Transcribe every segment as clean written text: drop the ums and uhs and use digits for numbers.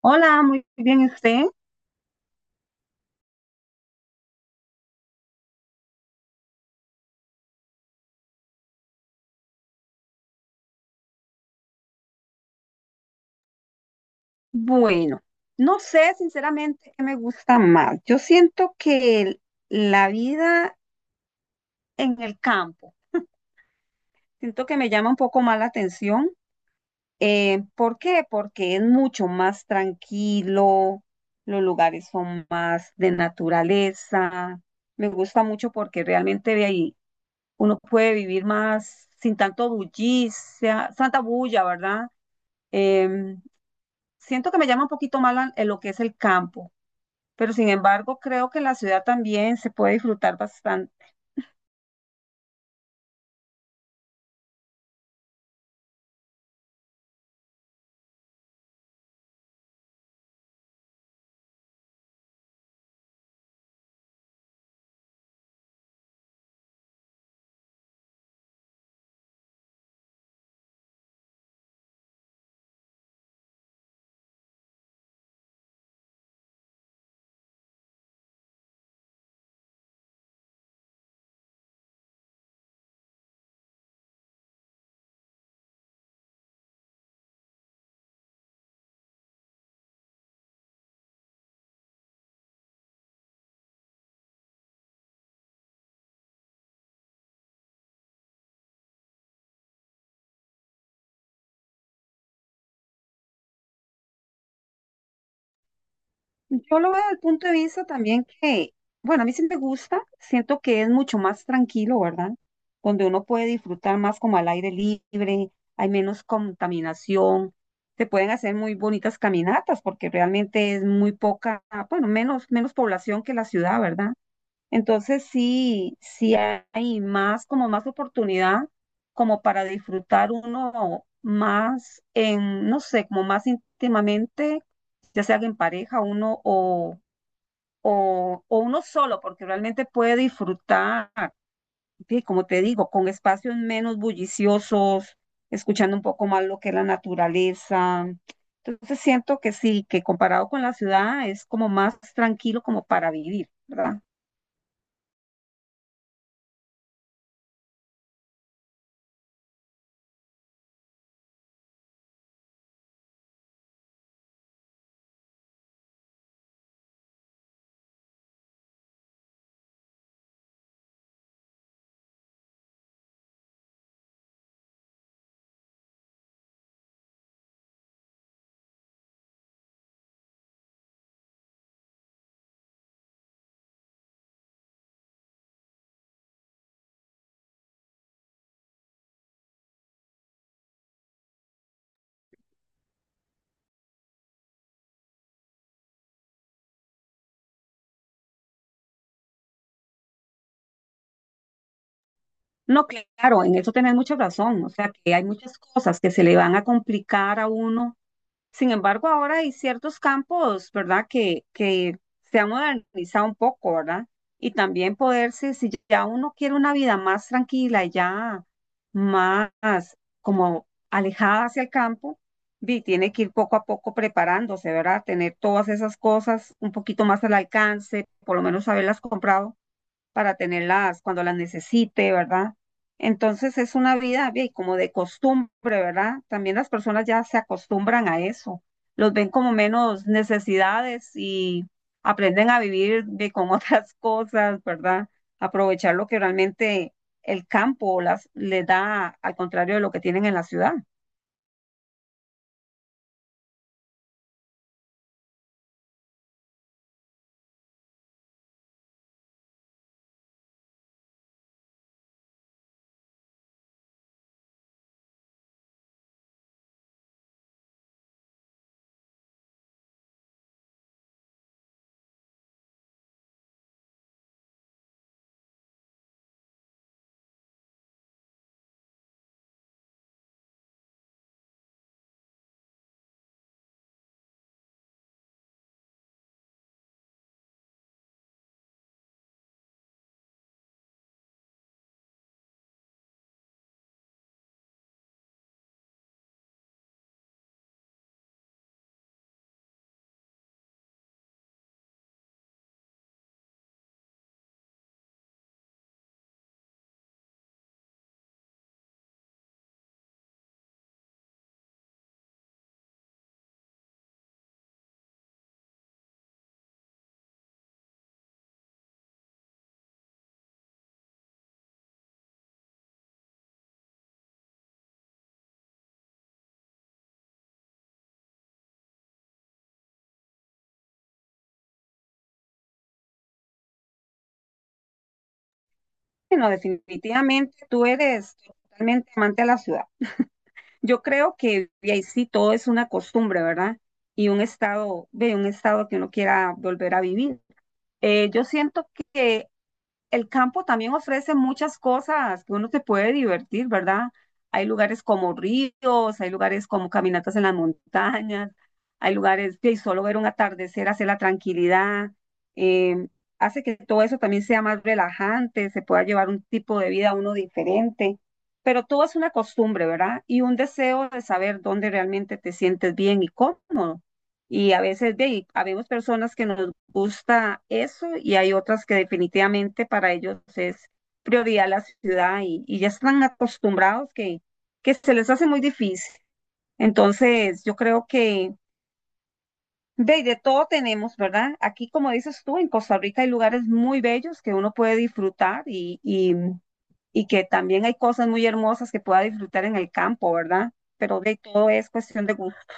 Hola, muy bien, ¿y usted? Bueno, no sé sinceramente qué me gusta más. Yo siento que la vida en el campo, siento que me llama un poco más la atención. ¿Por qué? Porque es mucho más tranquilo, los lugares son más de naturaleza. Me gusta mucho porque realmente de ahí uno puede vivir más sin tanto bullicia, santa bulla, ¿verdad? Em, Siento que me llama un poquito más lo que es el campo, pero sin embargo creo que la ciudad también se puede disfrutar bastante. Yo lo veo desde el punto de vista también que, bueno, a mí sí me gusta, siento que es mucho más tranquilo, ¿verdad? Donde uno puede disfrutar más como al aire libre, hay menos contaminación, se pueden hacer muy bonitas caminatas porque realmente es muy poca, bueno, menos, menos población que la ciudad, ¿verdad? Entonces sí, sí hay más, como más oportunidad, como para disfrutar uno más en, no sé, como más íntimamente, ya sea que en pareja uno o uno solo, porque realmente puede disfrutar, sí, como te digo, con espacios menos bulliciosos, escuchando un poco más lo que es la naturaleza. Entonces siento que sí, que comparado con la ciudad es como más tranquilo como para vivir, ¿verdad? No, claro, en eso tenés mucha razón. O sea, que hay muchas cosas que se le van a complicar a uno. Sin embargo, ahora hay ciertos campos, ¿verdad? Que se han modernizado un poco, ¿verdad? Y también poderse, si ya uno quiere una vida más tranquila, ya más como alejada hacia el campo, tiene que ir poco a poco preparándose, ¿verdad? Tener todas esas cosas un poquito más al alcance, por lo menos haberlas comprado para tenerlas cuando las necesite, ¿verdad? Entonces es una vida bien, como de costumbre, ¿verdad? También las personas ya se acostumbran a eso, los ven como menos necesidades y aprenden a vivir bien, con otras cosas, ¿verdad? Aprovechar lo que realmente el campo les da, al contrario de lo que tienen en la ciudad. Bueno, definitivamente tú eres totalmente amante a la ciudad. Yo creo que y ahí sí todo es una costumbre, ¿verdad? Y un estado, de un estado que uno quiera volver a vivir. Yo siento que el campo también ofrece muchas cosas que uno se puede divertir, ¿verdad? Hay lugares como ríos, hay lugares como caminatas en las montañas, hay lugares que solo ver un atardecer hace la tranquilidad, eh, hace que todo eso también sea más relajante, se pueda llevar un tipo de vida uno diferente, pero todo es una costumbre, ¿verdad? Y un deseo de saber dónde realmente te sientes bien y cómodo. Y a veces de, ahí, habemos personas que nos gusta eso y hay otras que definitivamente para ellos es prioridad la ciudad y ya están acostumbrados que se les hace muy difícil. Entonces, yo creo que de todo tenemos, ¿verdad? Aquí, como dices tú, en Costa Rica hay lugares muy bellos que uno puede disfrutar y que también hay cosas muy hermosas que pueda disfrutar en el campo, ¿verdad? Pero de todo es cuestión de gusto.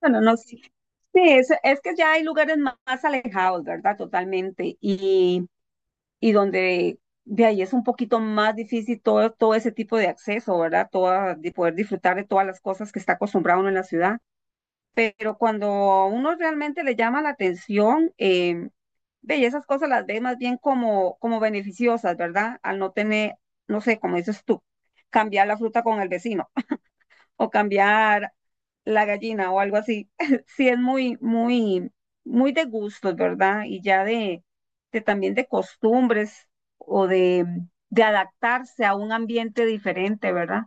Bueno, no, sí. Sí, es que ya hay lugares más, alejados, ¿verdad? Totalmente. Y donde de ahí es un poquito más difícil todo, todo ese tipo de acceso, ¿verdad? Toda, de poder disfrutar de todas las cosas que está acostumbrado uno en la ciudad. Pero cuando a uno realmente le llama la atención, ve, y esas cosas las ve más bien como, como beneficiosas, ¿verdad? Al no tener, no sé, como dices tú, cambiar la fruta con el vecino o cambiar la gallina o algo así. Sí es muy, muy, muy de gustos, ¿verdad? Y ya de también de costumbres o de adaptarse a un ambiente diferente, ¿verdad?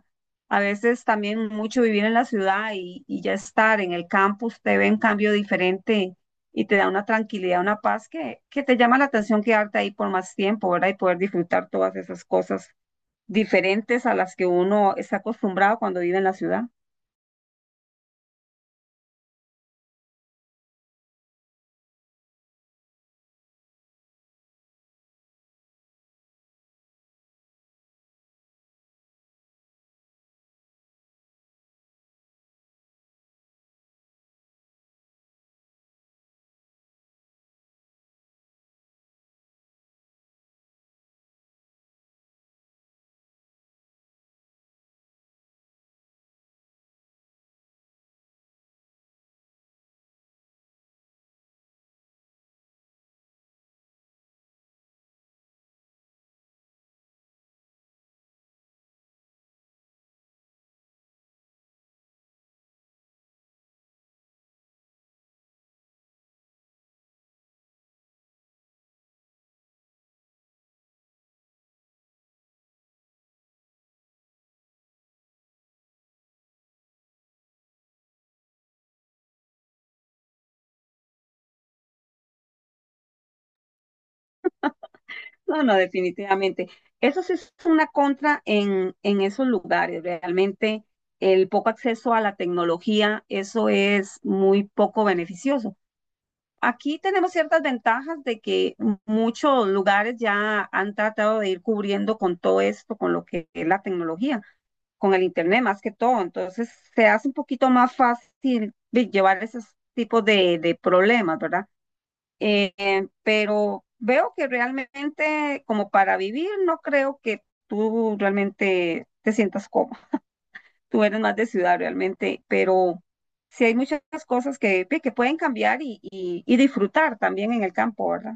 A veces también mucho vivir en la ciudad y ya estar en el campo, usted ve un cambio diferente y te da una tranquilidad, una paz que te llama la atención quedarte ahí por más tiempo, ¿verdad? Y poder disfrutar todas esas cosas diferentes a las que uno está acostumbrado cuando vive en la ciudad. No, no, definitivamente. Eso sí es una contra en esos lugares. Realmente el poco acceso a la tecnología, eso es muy poco beneficioso. Aquí tenemos ciertas ventajas de que muchos lugares ya han tratado de ir cubriendo con todo esto, con lo que es la tecnología, con el Internet más que todo. Entonces se hace un poquito más fácil de llevar esos tipos de problemas, ¿verdad? Pero veo que realmente como para vivir no creo que tú realmente te sientas cómodo. Tú eres más de ciudad realmente, pero sí hay muchas cosas que pueden cambiar y disfrutar también en el campo, ¿verdad?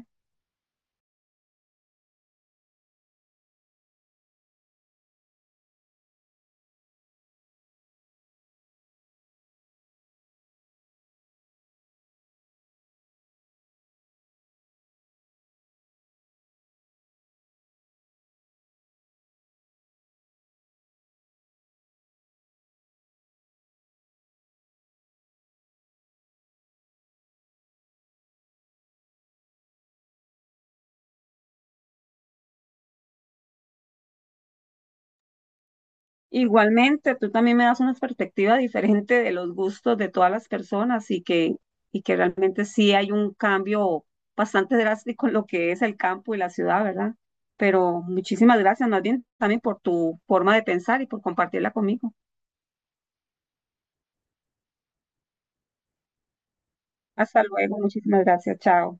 Igualmente, tú también me das una perspectiva diferente de los gustos de todas las personas y que realmente sí hay un cambio bastante drástico en lo que es el campo y la ciudad, ¿verdad? Pero muchísimas gracias, más bien también por tu forma de pensar y por compartirla conmigo. Hasta luego, muchísimas gracias, chao.